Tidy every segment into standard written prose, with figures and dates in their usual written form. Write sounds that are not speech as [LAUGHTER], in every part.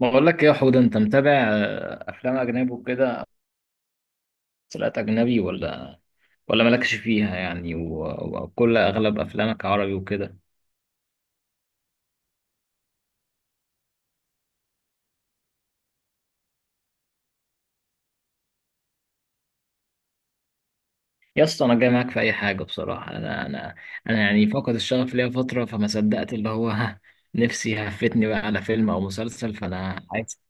بقول لك ايه يا حوده، انت متابع افلام اجنبي وكده؟ مسلسلات اجنبي، ولا مالكش فيها يعني، وكل اغلب افلامك عربي وكده؟ يا اسطى، انا جاي معاك في اي حاجه بصراحه. انا يعني فاقد الشغف ليا فتره، فما صدقت اللي هو [LAUGHS] ها، نفسي هفتني بقى على فيلم او مسلسل. فانا عايز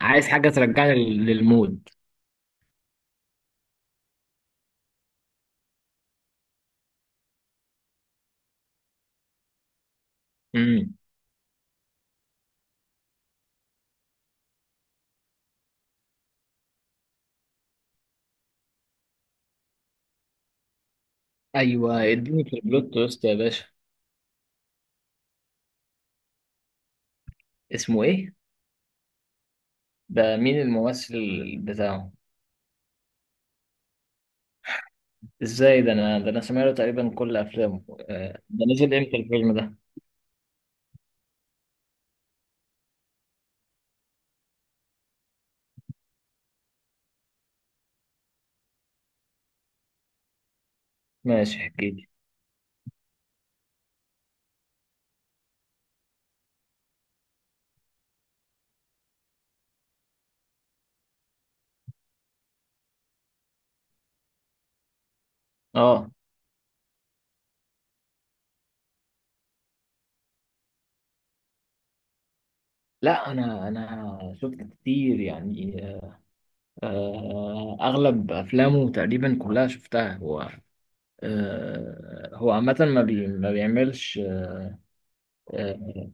عايز حاجه ترجعني للمود. امم. ايوه، اديني في البلوت تويست يا باشا. اسمه ايه؟ ده مين الممثل بتاعه؟ ازاي؟ ده انا سمعت تقريبا كل افلامه. ده نزل امتى الفيلم ده؟ ماشي، احكي لي. اه لا، انا شفت كتير يعني. اغلب افلامه تقريبا كلها شفتها هو. هو عامة ما بيعملش. آه،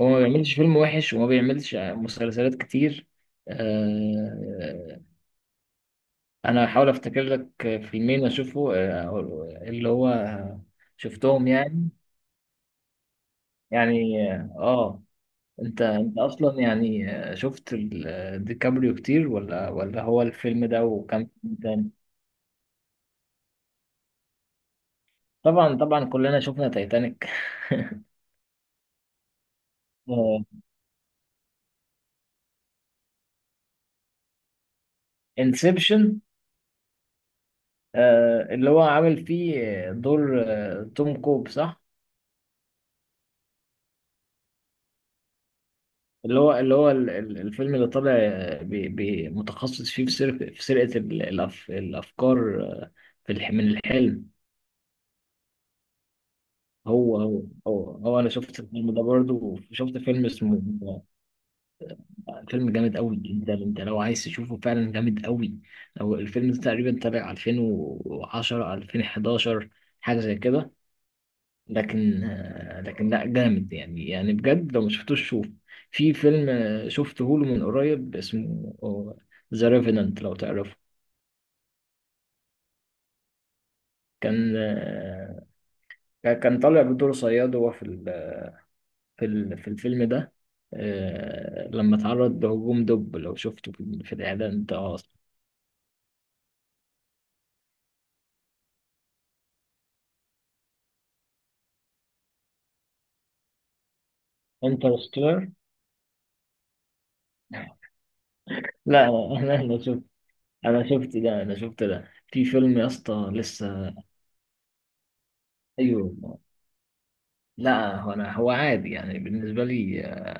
هو ما بيعملش فيلم وحش وما بيعملش مسلسلات كتير. آه، انا هحاول افتكر لك فيلمين اشوفه، اللي هو شفتهم يعني. يعني اه انت اصلا يعني شفت ديكابريو كتير، ولا هو الفيلم ده وكم فيلم تاني؟ طبعا طبعا، كلنا شفنا تايتانيك. آه، انسبشن. اللي هو عامل فيه دور، توم كوب، صح؟ اللي هو الفيلم اللي طالع، متخصص فيه في سرقة الافكار، من الحلم. هو انا شفت الفيلم ده برضه، وشفت فيلم اسمه. فيلم جامد قوي، ده انت لو عايز تشوفه فعلا جامد قوي. لو الفيلم ده تقريبا تابع 2010 2011، حاجه زي كده. لكن لا جامد يعني بجد، لو ما شفتوش شوف. في فيلم شفته له من قريب، اسمه ذا ريفينانت، لو تعرفه. كان آه، كان طالع بدور صياد، هو في في الفيلم ده، لما اتعرض لهجوم دب. لو شفته في الاعلان بتاع انترستيلر. لا [LAUGHS] انا. انا شفت ده في فيلم يا اسطى لسه. ايوه. لا هو انا عادي يعني بالنسبه لي. آه،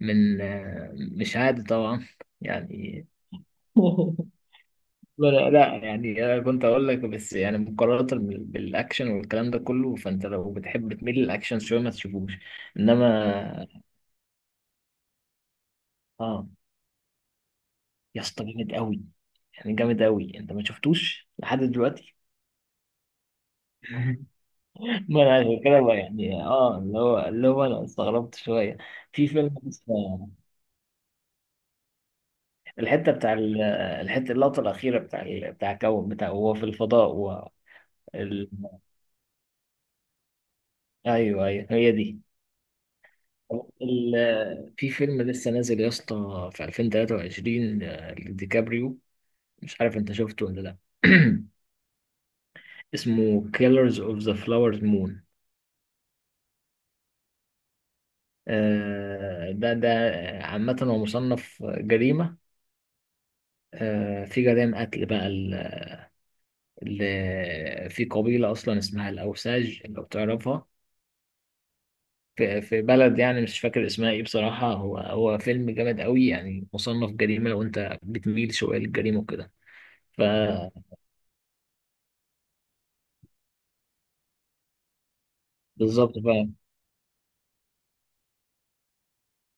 من آه، مش عادي طبعا يعني. [LAUGHS] لا لا، يعني انا كنت اقول لك بس، يعني مقارنه بالاكشن والكلام ده كله، فانت لو بتحب تميل للاكشن شويه ما تشوفوش. انما اه، يا اسطى جامد قوي يعني، جامد قوي. انت ما شفتوش لحد دلوقتي؟ [LAUGHS] ما انا عشان كده بقى يعني، اه اللي هو انا استغربت شويه. في فيلم اسمه، الحته بتاع ال- الحته، اللقطه الاخيره، بتاع الكون، بتاع هو في الفضاء و. ال. ايوه ايوه، هي دي. ال. في فيلم لسه نازل يا اسطى، في 2023 لديكابريو، مش عارف انت شفته ولا لا. [CLEARS THROAT] اسمه Killers of the Flower Moon. ده عامة هو مصنف جريمة، في جرائم قتل بقى، في قبيلة أصلا اسمها الأوساج، لو تعرفها. في بلد يعني، مش فاكر اسمها إيه بصراحة. هو فيلم جامد قوي يعني، مصنف جريمة، لو أنت بتميل شوية للجريمة وكده. ف. بالظبط ف.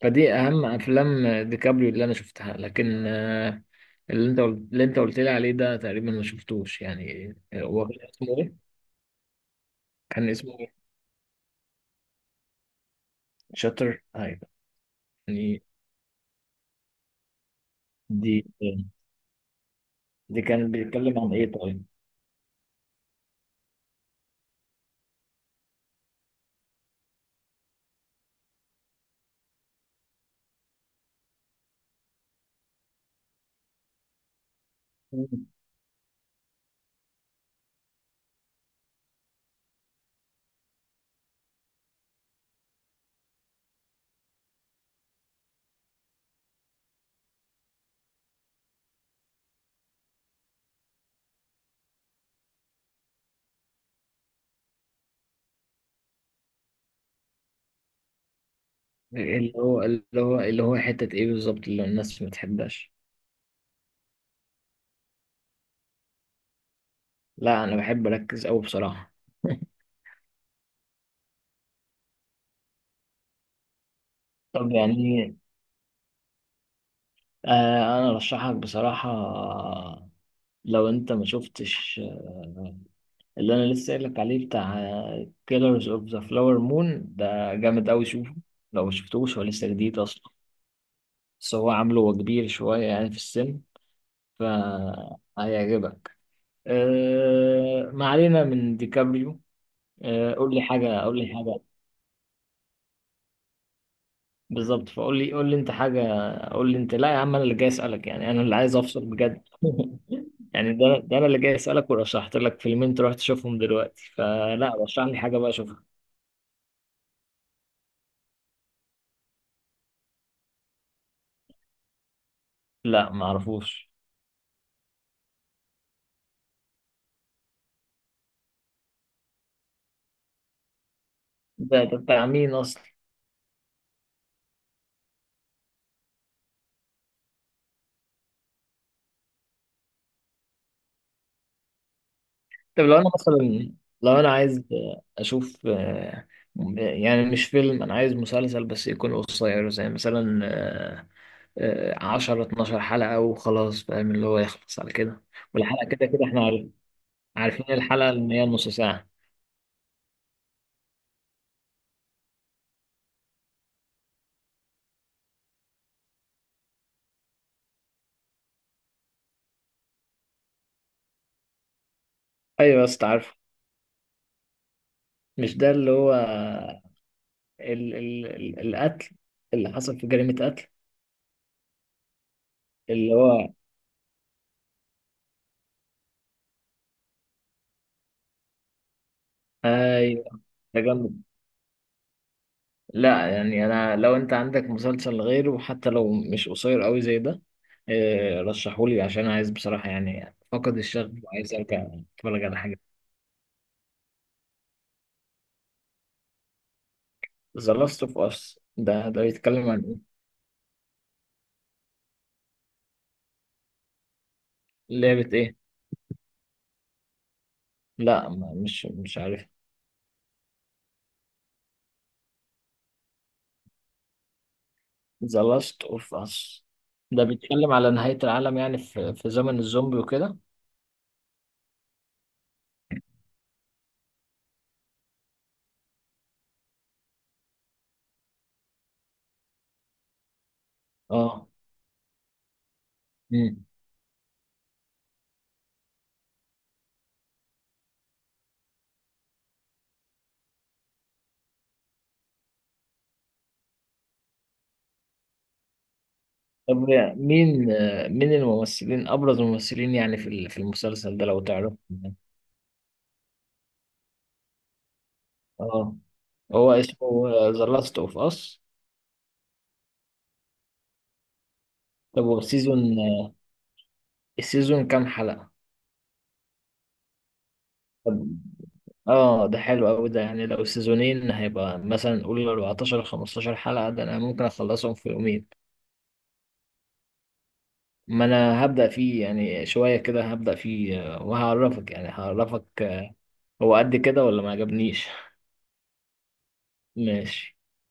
فدي أهم أفلام ديكابريو اللي أنا شفتها. لكن اللي أنت قلت لي عليه ده تقريبا ما شفتوش يعني. هو كان اسمه إيه؟ كان اسمه إيه؟ شاتر، أيوه. يعني دي دي كان بيتكلم عن إيه طيب؟ اللي هو حتة ايه بالظبط اللي الناس ما بتحبهاش؟ لا، انا بحب اركز قوي بصراحة. [LAUGHS] طب يعني آه، انا ارشحك بصراحة، لو انت ما شفتش اللي انا لسه قايل لك عليه بتاع كيلرز اوف ذا فلاور مون، ده جامد قوي، شوفه. لو ما شفتوش، هو لسه جديد اصلا. بس هو عامله هو كبير شوية يعني في السن، فهيعجبك. آه، ما علينا من ديكابريو. آه، قول لي حاجة قول لي حاجة. بالظبط، فقول لي قول لي انت حاجه. قول لي انت، لا يا عم، انا اللي جاي اسالك يعني، انا اللي عايز افصل بجد. [LAUGHS] يعني ده انا اللي جاي اسالك، ورشحت لك فيلمين تروح تشوفهم دلوقتي، فلا، رشح لي حاجه بقى اشوفها. لا ما اعرفوش. ده بتاع مين اصلا؟ طب لو انا مثلا، لو انا عايز اشوف، يعني مش فيلم، انا عايز مسلسل بس يكون قصير، زي مثلا 10 12 حلقه وخلاص. فاهم؟ اللي هو يخلص على كده. والحلقه كده كده، احنا عارفين الحلقه ان هي نص ساعه. ايوه يا اسطى، عارفه. مش ده اللي هو ال القتل اللي حصل؟ في جريمة قتل اللي هو. ايوه. تجمد. لا يعني انا، لو انت عندك مسلسل غيره، حتى لو مش قصير قوي زي ده، رشحهولي، عشان عايز بصراحة يعني، فقد الشغف وعايز ارجع اتفرج على حاجة. ذا لاست اوف اس ده بيتكلم عن ايه؟ لعبة ايه؟ لا مش عارف. ذا لاست اوف اس ده بيتكلم على نهاية العالم يعني، في زمن الزومبي وكده. اه. مم. طب مين، مين الممثلين، ابرز الممثلين يعني، في في المسلسل ده لو تعرف؟ اه. هو اسمه ذا لاست اوف اس. طب هو السيزون كام حلقة؟ طب اه، ده حلو قوي ده يعني. لو سيزونين هيبقى مثلا نقول 14 15 حلقة، ده انا ممكن اخلصهم في يومين. ما انا هبدأ فيه يعني، شوية كده هبدأ فيه، وهعرفك يعني هعرفك آه، هو قد كده ولا ما عجبنيش. ماشي.